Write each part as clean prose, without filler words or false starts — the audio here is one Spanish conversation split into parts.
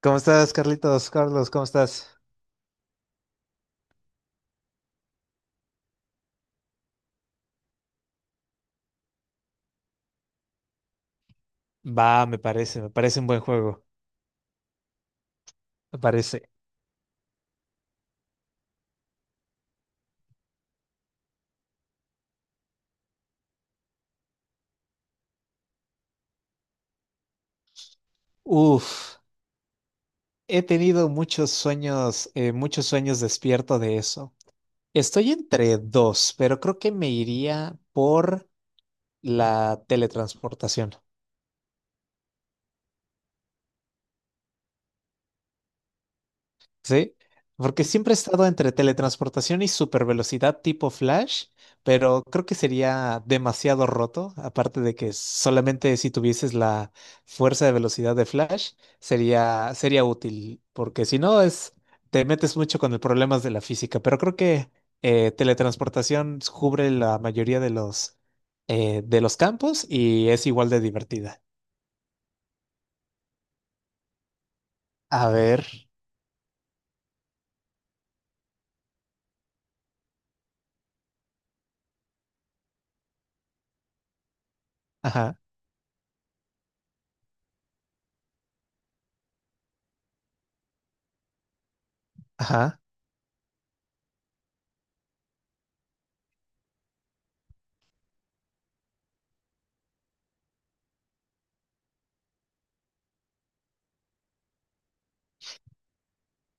¿Cómo estás, Carlitos? Carlos, ¿cómo estás? Va, me parece un buen juego, me parece. Uf, He tenido muchos sueños despierto de eso. Estoy entre dos, pero creo que me iría por la teletransportación. Sí, porque siempre he estado entre teletransportación y supervelocidad tipo Flash, pero creo que sería demasiado roto, aparte de que solamente si tuvieses la fuerza de velocidad de Flash sería útil, porque si no es te metes mucho con el problemas de la física, pero creo que teletransportación cubre la mayoría de los campos y es igual de divertida. A ver, ajá, ajá.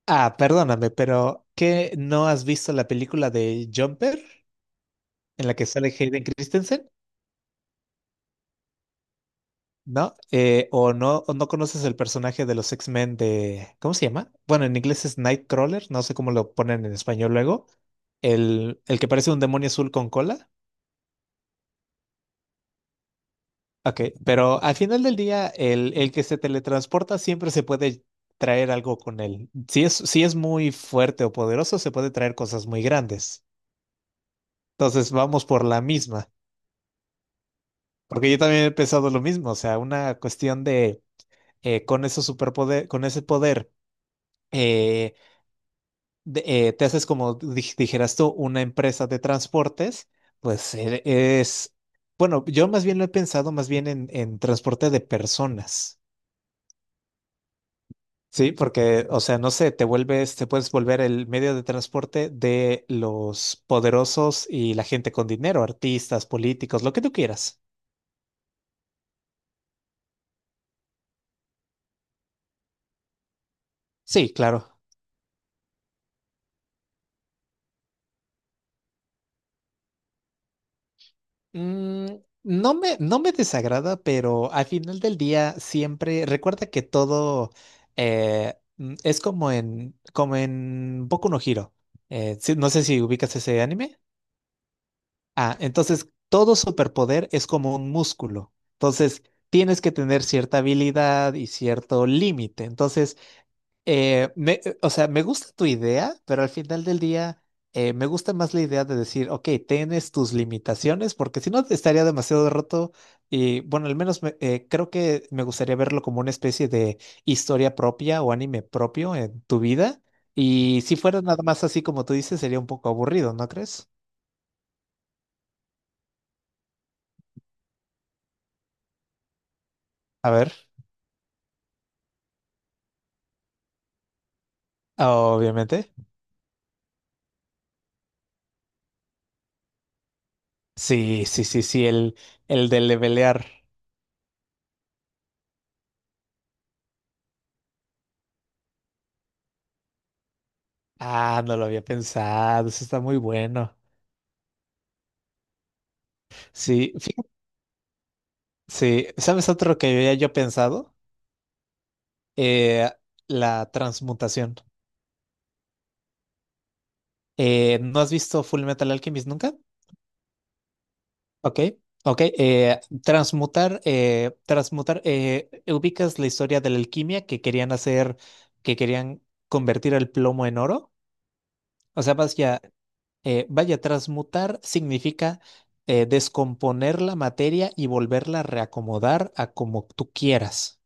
Ah, perdóname, pero ¿qué no has visto la película de Jumper en la que sale Hayden Christensen? ¿No? O no conoces el personaje de los X-Men de, ¿cómo se llama? Bueno, en inglés es Nightcrawler, no sé cómo lo ponen en español luego. El que parece un demonio azul con cola. Ok, pero al final del día, el que se teletransporta siempre se puede traer algo con él. Si es muy fuerte o poderoso, se puede traer cosas muy grandes. Entonces vamos por la misma. Porque yo también he pensado lo mismo, o sea, una cuestión de con esos superpoder, con ese poder, eh, de- te haces como dijeras tú, una empresa de transportes, pues eh, es, bueno, yo más bien lo he pensado más bien en transporte de personas, ¿sí? Porque, o sea, no sé, te vuelves, te puedes volver el medio de transporte de los poderosos y la gente con dinero, artistas, políticos, lo que tú quieras. Sí, claro. Mm, no me desagrada, pero al final del día siempre recuerda que todo es como en, como en Boku no Hero. Sí, no sé si ubicas ese anime. Ah, entonces todo superpoder es como un músculo. Entonces tienes que tener cierta habilidad y cierto límite. Entonces o sea, me gusta tu idea, pero al final del día me gusta más la idea de decir, ok, tienes tus limitaciones, porque si no estaría demasiado roto y bueno, al menos creo que me gustaría verlo como una especie de historia propia o anime propio en tu vida. Y si fuera nada más así como tú dices, sería un poco aburrido, ¿no crees? A ver, obviamente. Sí, sí, sí, sí, el de levelear. Ah, no lo había pensado, eso está muy bueno. Sí, sí, ¿sabes otro que había yo pensado? Eh, la transmutación. ¿No has visto Full Metal Alchemist nunca? Ok, ok. Transmutar, ¿ubicas la historia de la alquimia que querían hacer, que querían convertir el plomo en oro? O sea, vaya, transmutar significa descomponer la materia y volverla a reacomodar a como tú quieras.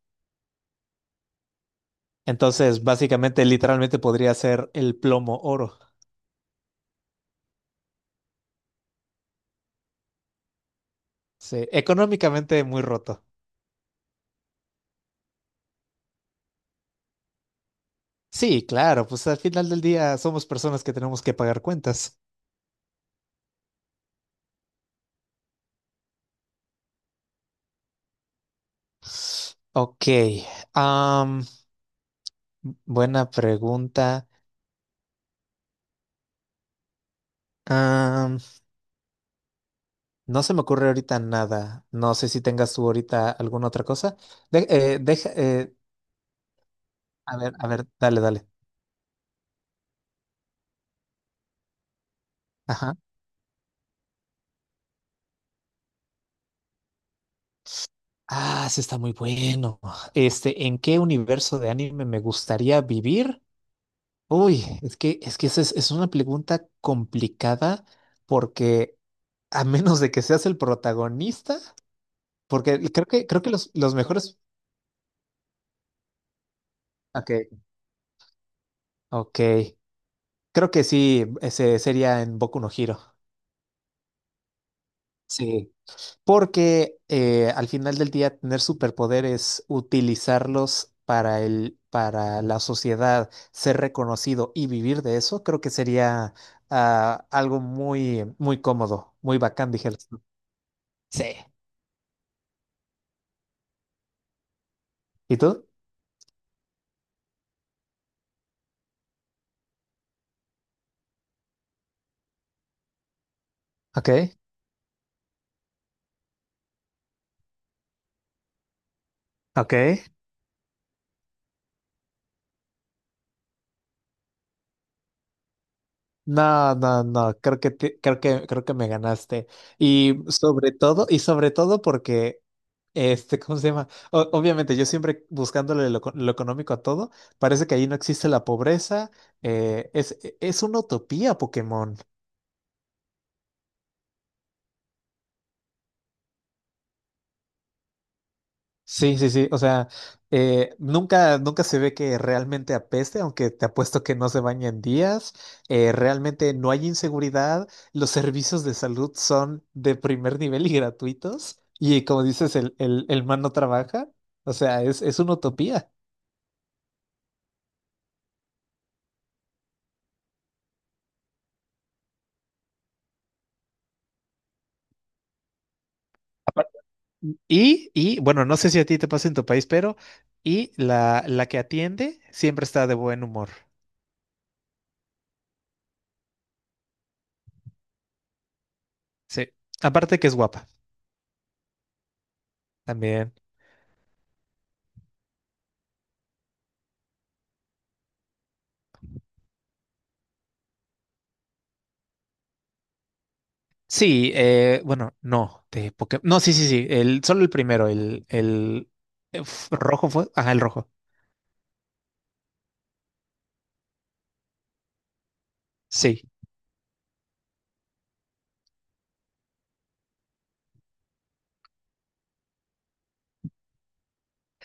Entonces, básicamente, literalmente podría ser el plomo oro. Sí, económicamente muy roto. Sí, claro, pues al final del día somos personas que tenemos que pagar cuentas. Ok, am, buena pregunta. Am, no se me ocurre ahorita nada. No sé si tengas tú ahorita alguna otra cosa. De- eh, deja, eh, a ver, dale, dale. Ajá. Ah, sí está muy bueno. Este, ¿en qué universo de anime me gustaría vivir? Uy, es que esa es una pregunta complicada porque a menos de que seas el protagonista, porque creo que los mejores. Ok, ok. Creo que sí, ese sería en Boku no Hero. Sí. Porque al final del día, tener superpoderes, utilizarlos para para la sociedad, ser reconocido y vivir de eso, creo que sería algo muy, muy cómodo, muy bacán, dije. Sí. ¿Y tú? Ok, ok. No, no, no, creo que creo que me ganaste. Y sobre todo porque este, ¿cómo se llama? Obviamente, yo siempre buscándole lo económico a todo, parece que ahí no existe la pobreza. Es una utopía, Pokémon. Sí, sí, sí. O sea, nunca, nunca se ve que realmente apeste, aunque te apuesto que no se baña en días. Realmente no hay inseguridad. Los servicios de salud son de primer nivel y gratuitos. Y como dices, el man no trabaja. O sea, es una utopía. Y bueno, no sé si a ti te pasa en tu país, pero y la que atiende siempre está de buen humor. Sí. Aparte que es guapa también. Sí, de Pokémon. No, sí, sí, sí, solo el primero, rojo fue. Ajá, el rojo. Sí,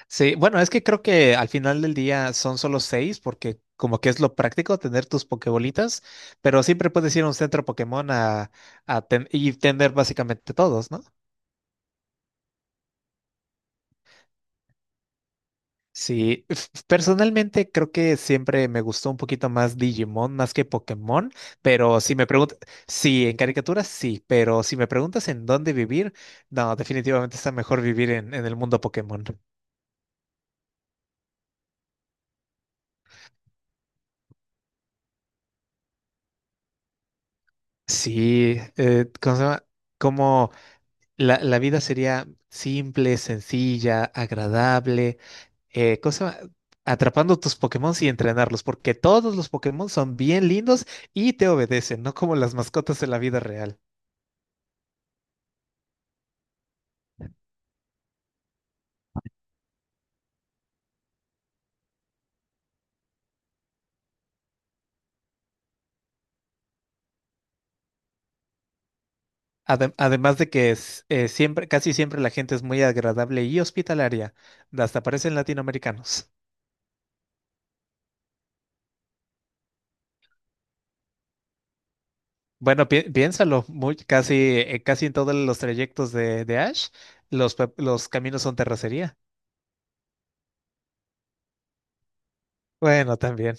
sí. Bueno, es que creo que al final del día son solo seis, porque como que es lo práctico tener tus Pokébolitas, pero siempre puedes ir a un centro Pokémon a, y tener básicamente todos, ¿no? Sí, personalmente creo que siempre me gustó un poquito más Digimon más que Pokémon, pero si me preguntas, sí, en caricaturas sí, pero si me preguntas en dónde vivir, no, definitivamente está mejor vivir en el mundo Pokémon. Sí, ¿cómo se llama? Como la vida sería simple, sencilla, agradable, ¿cómo se llama? Atrapando tus Pokémon y entrenarlos, porque todos los Pokémon son bien lindos y te obedecen, no como las mascotas de la vida real. Además de que es, siempre, casi siempre la gente es muy agradable y hospitalaria, hasta parecen latinoamericanos. Bueno, piénsalo, muy, casi, casi en todos los trayectos de Ash, los caminos son terracería. Bueno, también.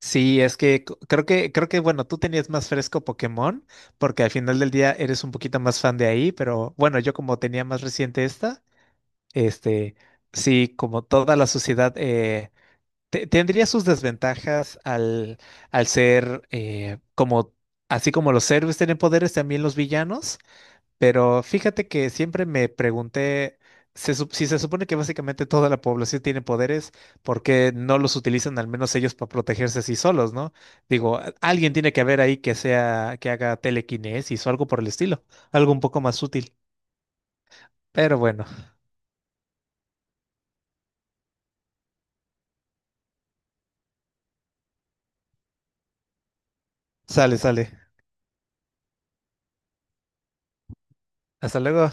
Sí, es que creo que, bueno, tú tenías más fresco Pokémon, porque al final del día eres un poquito más fan de ahí, pero bueno, yo como tenía más reciente esta, este, sí, como toda la sociedad, tendría sus desventajas al, al ser como, así como los héroes tienen poderes, también los villanos, pero fíjate que siempre me pregunté, si se supone que básicamente toda la población tiene poderes, ¿por qué no los utilizan al menos ellos para protegerse así solos, ¿no? Digo, alguien tiene que haber ahí que sea, que haga telequinesis o algo por el estilo, algo un poco más útil. Pero bueno, sale, sale. Hasta luego.